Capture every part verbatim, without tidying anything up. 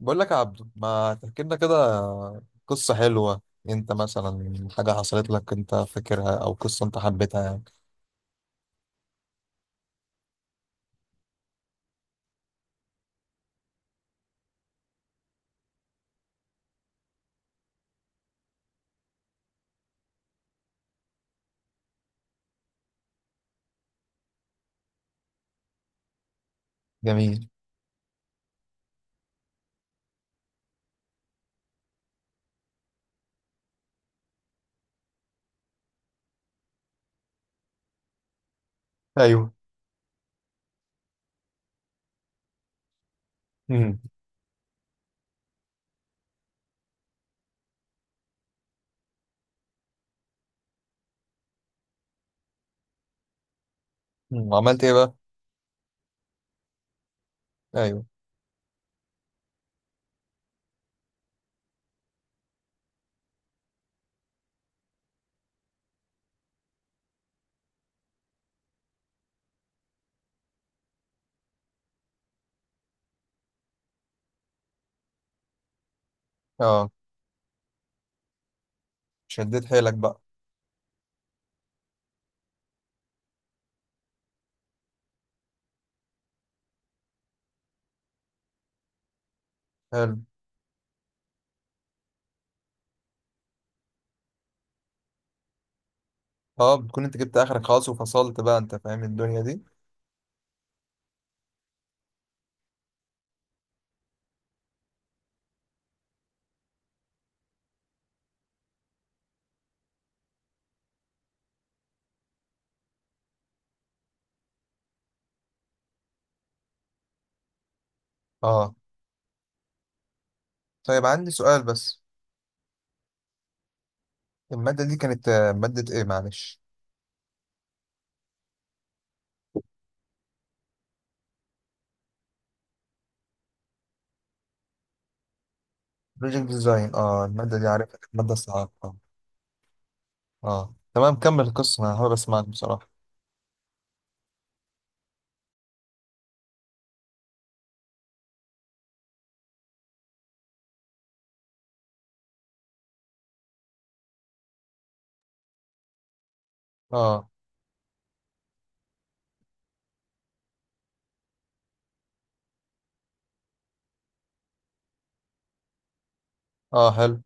بقول لك يا عبدو، ما تحكي لنا كده قصة حلوة. انت مثلا حاجة حصلت لك انت فاكرها، او قصة انت حبيتها يعني. جميل. ايوه. امم. أمم، وعملت ايه بقى؟ ايوه. اه، شديت حيلك بقى. حلو. اه، بتكون انت جبت اخرك خلاص وفصلت بقى. انت فاهم الدنيا دي. اه. طيب، عندي سؤال بس. المادة دي كانت آه، مادة ايه؟ معلش. بروجكت ديزاين. اه، المادة دي عارفها، كانت مادة صعبة. اه. آه. تمام، كمل القصة، انا حابب اسمعك بصراحة. اه. اه. حلو.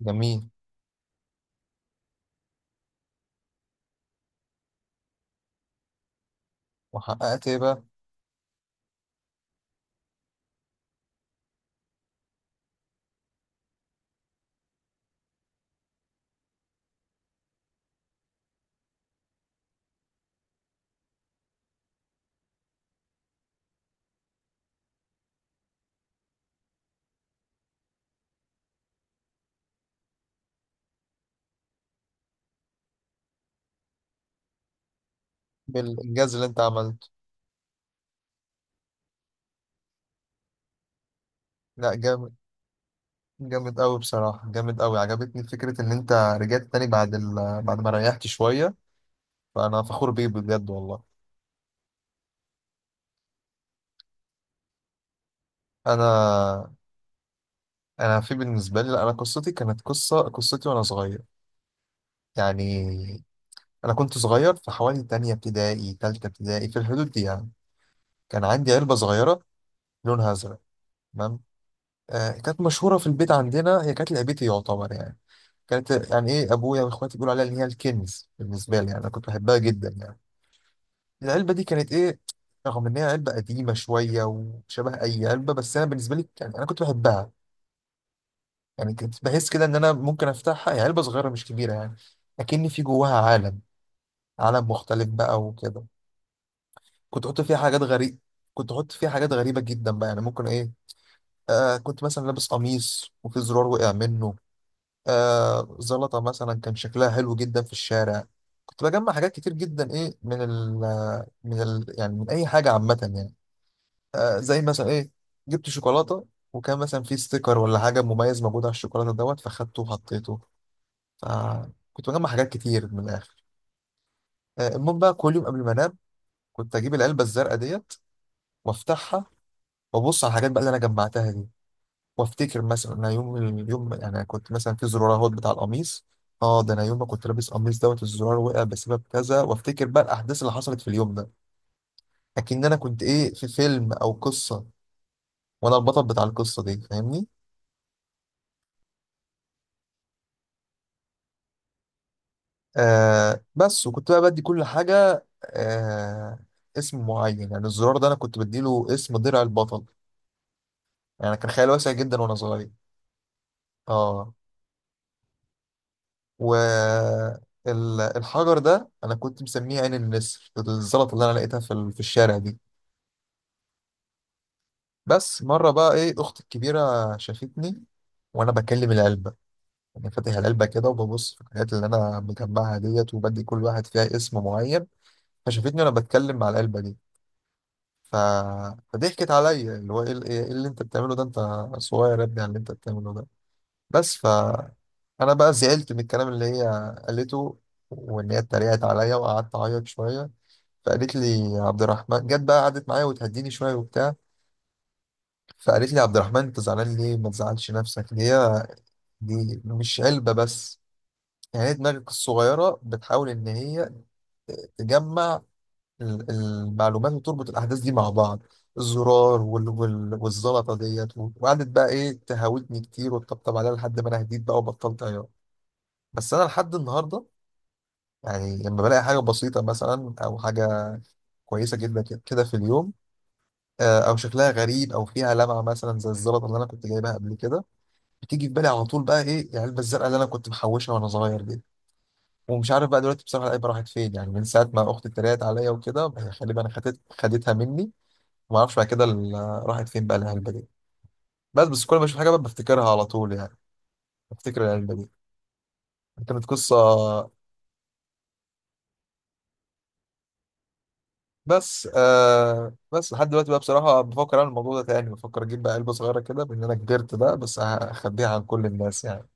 جميل. وحققت ايه بقى؟ بالانجاز اللي انت عملته. لا، جامد. جامد قوي بصراحه، جامد قوي. عجبتني فكره ان انت رجعت تاني بعد ال... بعد ما ريحت شويه. فانا فخور بيه بجد والله. انا انا، في بالنسبه لي، لا. انا قصتي كانت قصه، قصتي وانا صغير يعني. انا كنت صغير، في حوالي تانية ابتدائي، تالتة ابتدائي، في الحدود دي يعني. كان عندي علبه صغيره، لونها ازرق. تمام. آه كانت مشهوره في البيت عندنا، هي كانت لعبتي يعتبر يعني. كانت يعني ايه، ابويا واخواتي بيقولوا عليها ان هي الكنز بالنسبه لي، يعني انا كنت بحبها جدا يعني. العلبه دي كانت ايه. رغم ان هي علبه قديمه شويه وشبه اي علبه، بس انا بالنسبه لي يعني انا كنت بحبها. يعني كنت بحس كده ان انا ممكن افتحها، هي علبه صغيره مش كبيره يعني، لكن في جواها عالم. عالم مختلف بقى وكده. كنت احط فيها حاجات غريبه. كنت احط فيها حاجات غريبه جدا بقى، يعني ممكن ايه. آه كنت مثلا لابس قميص وفي زرار وقع منه. آه زلطة مثلا كان شكلها حلو جدا في الشارع. كنت بجمع حاجات كتير جدا، ايه، من ال من ال يعني من اي حاجة عامة يعني. آه زي مثلا ايه، جبت شوكولاتة، وكان مثلا في ستيكر ولا حاجة مميز موجود على الشوكولاتة دوت، فخدته وحطيته. فكنت بجمع حاجات كتير من الآخر. آه المهم بقى، كل يوم قبل ما انام كنت اجيب العلبة الزرقاء ديت، وافتحها، وابص على الحاجات بقى اللي انا جمعتها دي، وافتكر مثلا انا يوم اليوم انا كنت مثلا في زرار اهوت بتاع القميص. اه، ده انا يوم ما كنت لابس قميص دوت الزرار وقع بسبب كذا، وافتكر بقى الاحداث اللي حصلت في اليوم ده، اكن انا كنت ايه في فيلم او قصه وانا البطل بتاع القصه دي، فاهمني. آه بس وكنت بقى بدي كل حاجه، آه اسم معين، يعني الزرار ده انا كنت بديله اسم درع البطل. يعني كان خيال واسع جدا وانا صغير. اه و ال- الحجر ده انا كنت مسميه عين النسر، الزلطه اللي انا لقيتها في ال- في الشارع دي. بس مرة بقى ايه، اختي الكبيرة شافتني وانا بكلم العلبة، يعني فاتح العلبة كده وببص في الحاجات اللي انا مجمعها ديت، وبدي كل واحد فيها اسم معين. فشافتني وانا بتكلم مع العلبة دي. ف... فضحكت عليا، اللي هو ايه، ال- إيه اللي انت بتعمله ده، انت صغير يا ابني على اللي انت بتعمله ده. بس ف انا بقى زعلت من الكلام اللي هي قالته، وان هي اتريقت عليا، وقعدت اعيط شوية. فقالت لي، يا عبد الرحمن، جت بقى قعدت معايا وتهديني شوية وبتاع. فقالت لي، عبد الرحمن انت زعلان ليه؟ ما تزعلش نفسك، هي دي مش علبة بس، يعني هي دماغك الصغيرة بتحاول ان هي تجمع ال- المعلومات، وتربط الاحداث دي مع بعض، الزرار وال... وال... والزلطة ديت، و- وقعدت بقى ايه تهاوتني كتير وتطبطب عليها لحد ما انا هديت بقى وبطلت عياط. بس انا لحد النهاردة، يعني لما بلاقي حاجة بسيطة مثلا او حاجة كويسة جدا كده في اليوم، آه، او شكلها غريب او فيها لمعة مثلا زي الزلطة اللي انا كنت جايبها قبل كده، بتيجي في بالي على طول بقى ايه العلبه الزرقاء اللي انا كنت محوشها وانا صغير دي. ومش عارف بقى دلوقتي بصراحه العلبه راحت فين، يعني من ساعه ما اختي اتريقت عليا وكده، هي غالبا انا خدت خدتها مني. وما اعرفش بعد كده ال- راحت فين بقى العلبه دي. بس بس كل ما اشوف حاجه بقى بفتكرها على طول يعني، بفتكر العلبه دي، كانت قصه. بس آه بس لحد دلوقتي بقى بصراحه بفكر اعمل الموضوع ده تاني، بفكر اجيب بقى علبه صغيره كده بان انا كبرت بقى، بس أه، اخبيها عن كل الناس يعني.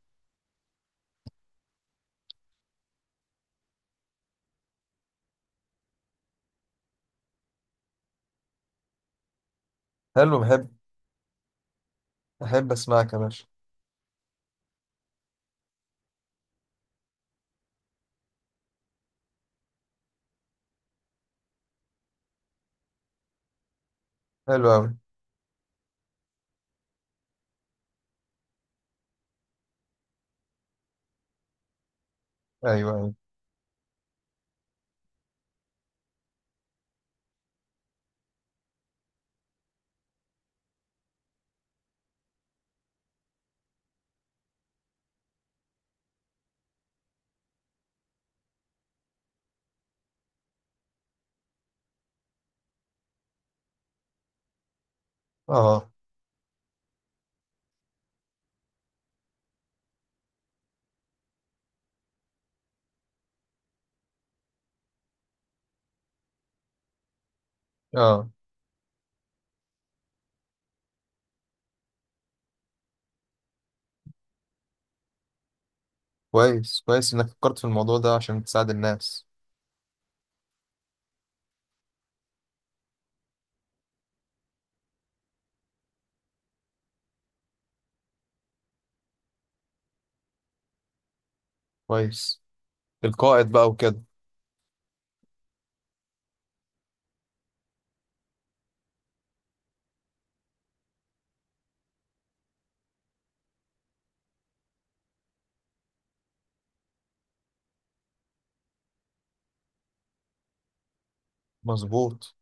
حلو، بحب. احب اسمعك يا باشا. حلو قوي. ايوه، ايوه. اه، اه. كويس. كويس انك فكرت في الموضوع ده عشان تساعد الناس. كويس. القائد بقى وكده. مظبوط.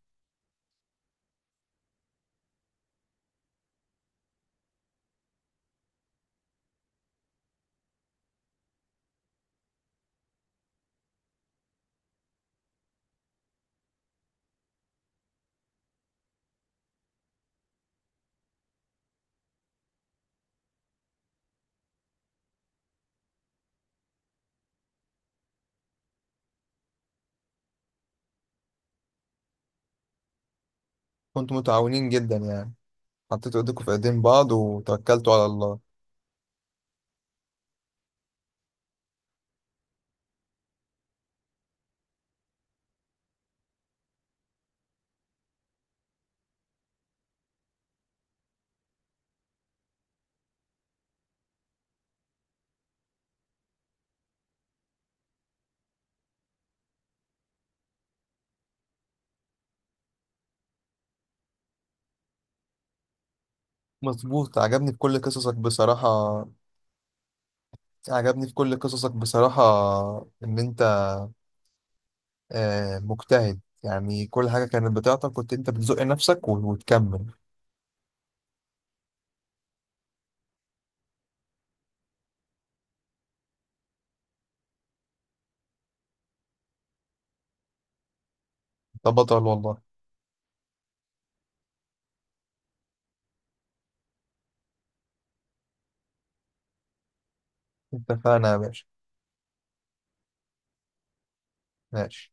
كنتوا متعاونين جدا يعني، حطيتوا ايديكم في ايدين بعض وتوكلتوا على الله. مظبوط. عجبني في كل قصصك بصراحة. عجبني في كل قصصك بصراحة، ان انت آه، مجتهد يعني. كل حاجة كانت بتاعتك كنت انت بتزق نفسك و- وتكمل. انت بطل والله. اتفقنا يا باشا. ماشي.